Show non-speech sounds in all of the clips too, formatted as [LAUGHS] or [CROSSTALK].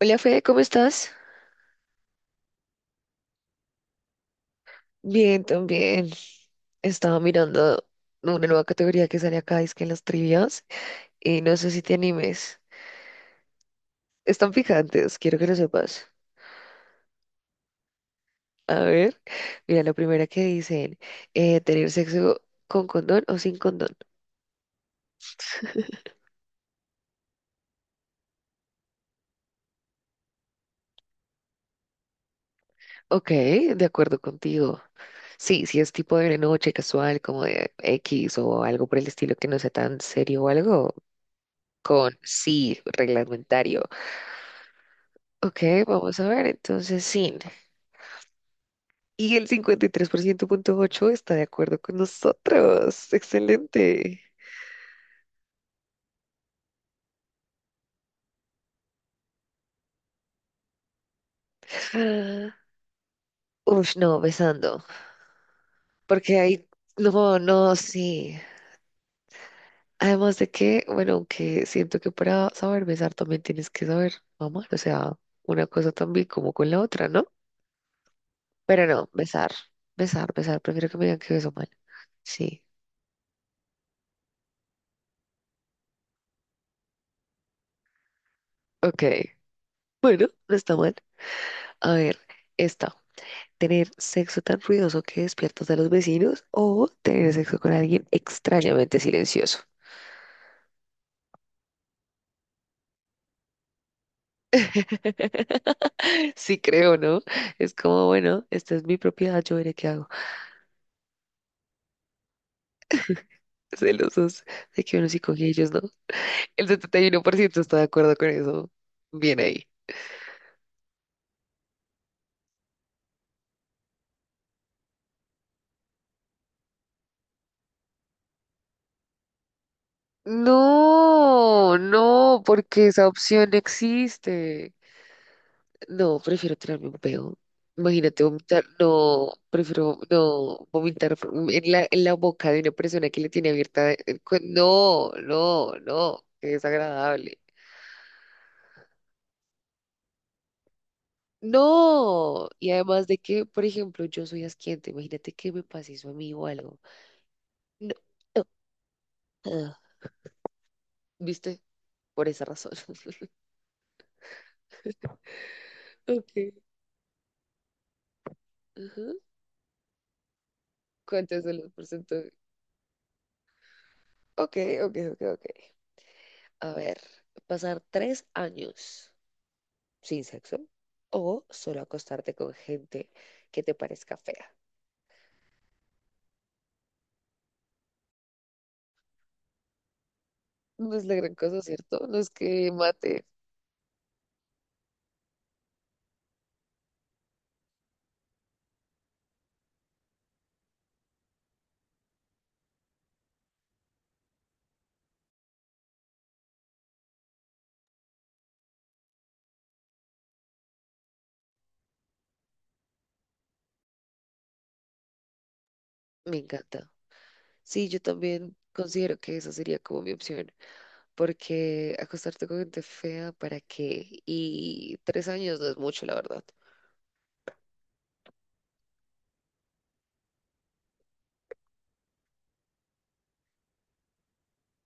Hola Fede, ¿cómo estás? Bien, también. Estaba mirando una nueva categoría que sale acá, es que en las trivias, y no sé si te animes. Están picantes, quiero que lo sepas. A ver, mira, la primera que dicen, ¿tener sexo con condón o sin condón? Ok, de acuerdo contigo. Sí, si es tipo de noche casual, como de X o algo por el estilo que no sea tan serio o algo, con sí, reglamentario. Ok, vamos a ver, entonces sin. Y el 53.8% está de acuerdo con nosotros. Excelente. Ah, uf, no, besando. Porque ahí, no, no, sí. Además de que, bueno, aunque siento que para saber besar también tienes que saber amar. O sea, una cosa también como con la otra, ¿no? Pero no, besar, besar, besar. Prefiero que me digan que beso mal. Sí. Ok. Bueno, no está mal. A ver, esta. Tener sexo tan ruidoso que despiertas a los vecinos o tener sexo con alguien extrañamente silencioso. [LAUGHS] Sí, creo, ¿no? Es como, bueno, esta es mi propiedad, yo veré qué hago. [LAUGHS] Celosos de que uno sí coge y ellos, ¿no? El 71% está de acuerdo con eso. Bien ahí. No, no, porque esa opción no existe. No, prefiero tirarme un peo. Imagínate vomitar. No, prefiero no vomitar en la boca de una persona que le tiene abierta. No, no, no. Qué desagradable. No. Y además de que, por ejemplo, yo soy asquiente. Imagínate que me pase eso a mí o algo. No. No, ah, ¿viste? Por esa razón. [LAUGHS] Okay. Ujú. ¿Cuántos son los porcentajes? Ok, ok, ok, ok. A ver, pasar 3 años sin sexo o solo acostarte con gente que te parezca fea. No es la gran cosa, ¿cierto? No es que mate. Me encanta. Sí, yo también considero que esa sería como mi opción, porque acostarte con gente fea, ¿para qué? Y 3 años no es mucho, la verdad.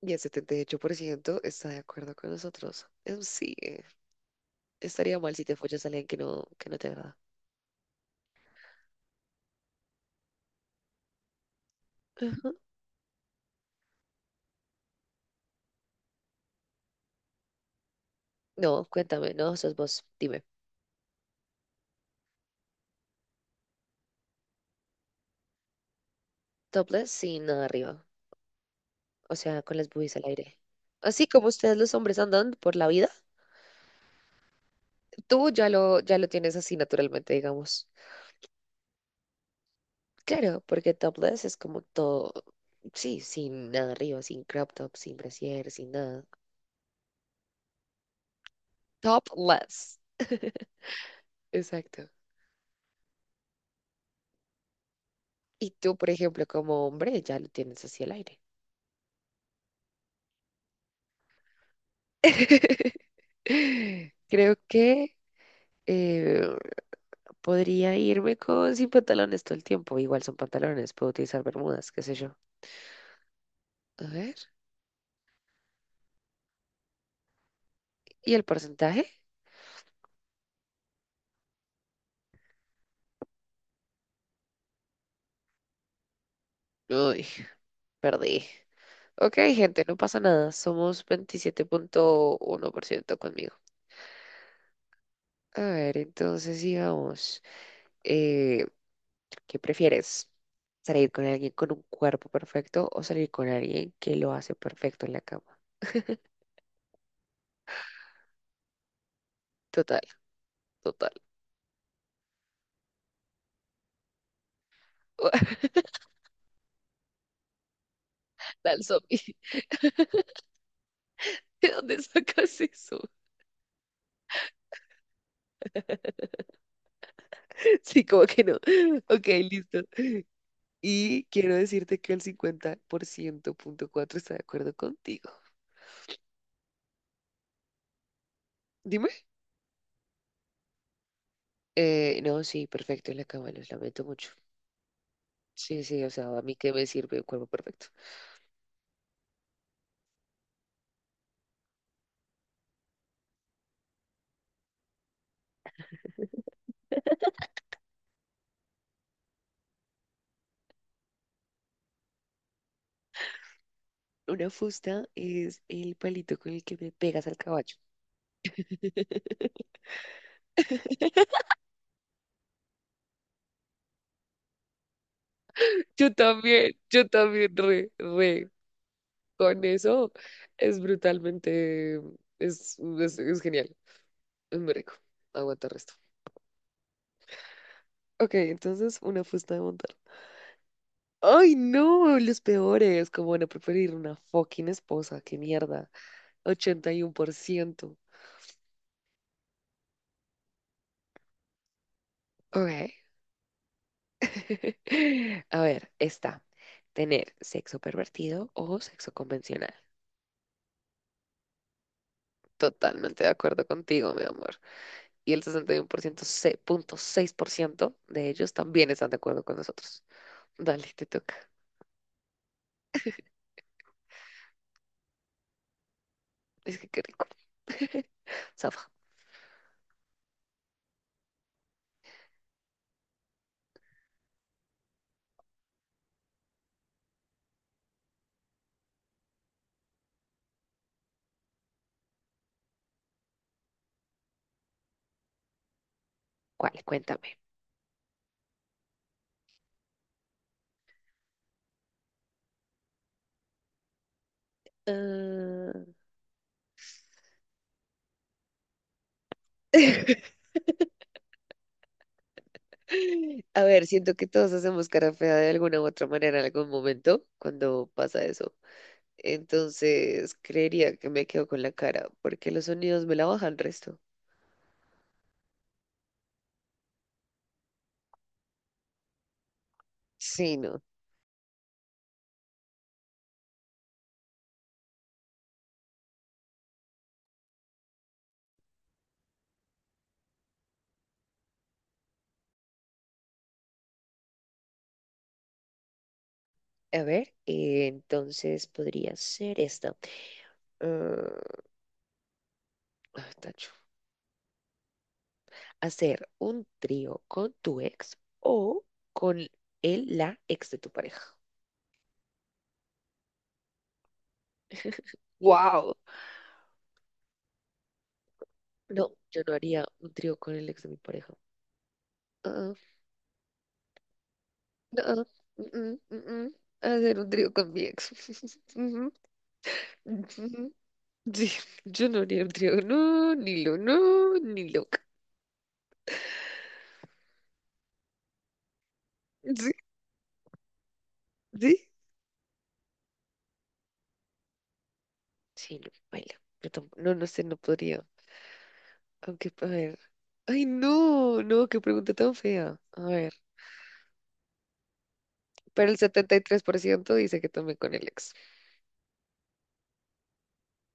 Y el 78% está de acuerdo con nosotros. Sí, estaría mal si te follas a alguien que no te agrada. Ujú. No, cuéntame, no, sos vos, dime. Topless sin nada arriba. O sea, con las boobies al aire. Así como ustedes los hombres andan por la vida, tú ya lo tienes así naturalmente, digamos. Claro, porque topless es como todo, sí, sin nada arriba, sin crop top, sin brasier, sin nada. Topless, exacto. Y tú, por ejemplo, como hombre, ya lo tienes así al aire. [LAUGHS] Creo que eh, podría irme con sin pantalones todo el tiempo. Igual son pantalones, puedo utilizar bermudas, qué sé yo. A ver. ¿Y el porcentaje? Uy, perdí. Ok, gente, no pasa nada. Somos 27.1% conmigo. A ver, entonces sigamos. Eh, ¿Qué prefieres? ¿Salir con alguien con un cuerpo perfecto o salir con alguien que lo hace perfecto en la cama? Total, total. [LAUGHS] Dale, zombie. [LAUGHS] ¿De dónde sacas eso? [LAUGHS] Sí, como que no. [LAUGHS] Ok, listo. Y quiero decirte que el 50.4 está de acuerdo contigo. Dime. No, sí, perfecto en la cama, los lamento mucho. Sí, sí, o sea, a mí que me sirve un cuerpo perfecto. Una fusta es el palito con el que me pegas al caballo. [LAUGHS] Yo también, re, re. Con eso es brutalmente, es genial, es muy rico. Aguanta el resto. Ok, entonces una fusta de montar. Ay, no, los peores. ¿Como van a preferir una fucking esposa? ¡Qué mierda! 81%. Ok. [LAUGHS] A ver, está. Tener sexo pervertido o sexo convencional. Totalmente de acuerdo contigo, mi amor. Y el 61% punto 6% de ellos también están de acuerdo con nosotros. Dale, te toca. Es que qué rico. [LAUGHS] Safa, ¿cuál? Cuéntame. Ah. [LAUGHS] A ver, siento que todos hacemos cara fea de alguna u otra manera en algún momento cuando pasa eso. Entonces, creería que me quedo con la cara porque los sonidos me la bajan resto. Sí, no. A ver, entonces podría ser esta. Ah, ah, tacho. Hacer un trío con tu ex o con la ex de tu pareja. ¡Wow! No, yo no haría un trío con el ex de mi pareja. Ah, ah, no, ah, mm, mm, mm, mm. Hacer un trío con mi ex. [LAUGHS] Ujú, ujú. Sí, yo no haría un trío. No, ni lo, no, ni loca. Sí, sí. Sí, no, baila. Yo tampoco, no, no sé, no podría. Aunque, a ver. Ay, no, no, qué pregunta tan fea. A ver, pero el 73% dice que también con el ex.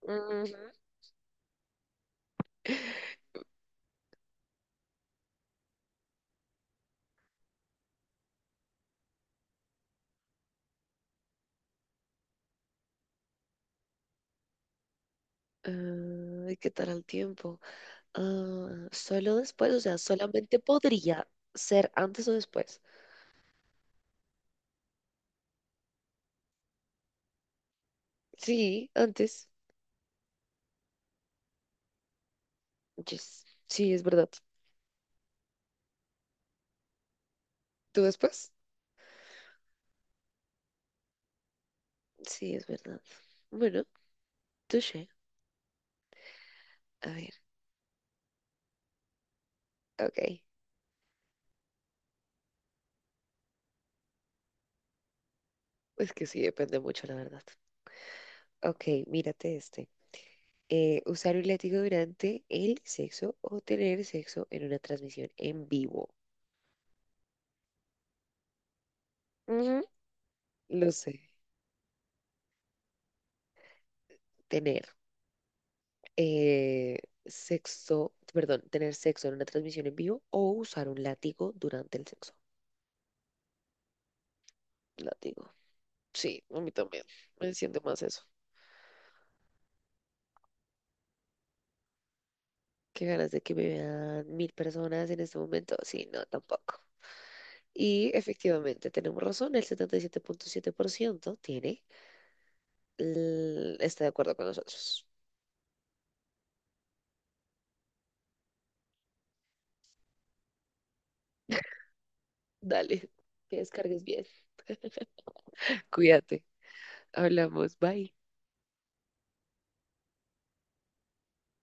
Ujú. Ah, ¿y qué tal el tiempo? Ah, solo después, o sea, solamente podría ser antes o después. Sí, antes. Yes. Sí, es verdad. ¿Tú después? Sí, es verdad. Bueno, touché. A ver, ok. Es que sí, depende mucho, la verdad. Ok, mírate este. Usar un látigo durante el sexo o tener sexo en una transmisión en vivo. Ujú. Lo sé, tener eh, tener sexo en una transmisión en vivo o usar un látigo durante el sexo. Látigo. Sí, a mí también. Me siento más eso. Qué ganas de que me vean 1.000 personas en este momento. Sí, no, tampoco. Y efectivamente tenemos razón, el setenta y siete punto siete por ciento está de acuerdo con nosotros. Dale, que descargues bien. Cuídate. Hablamos. Bye.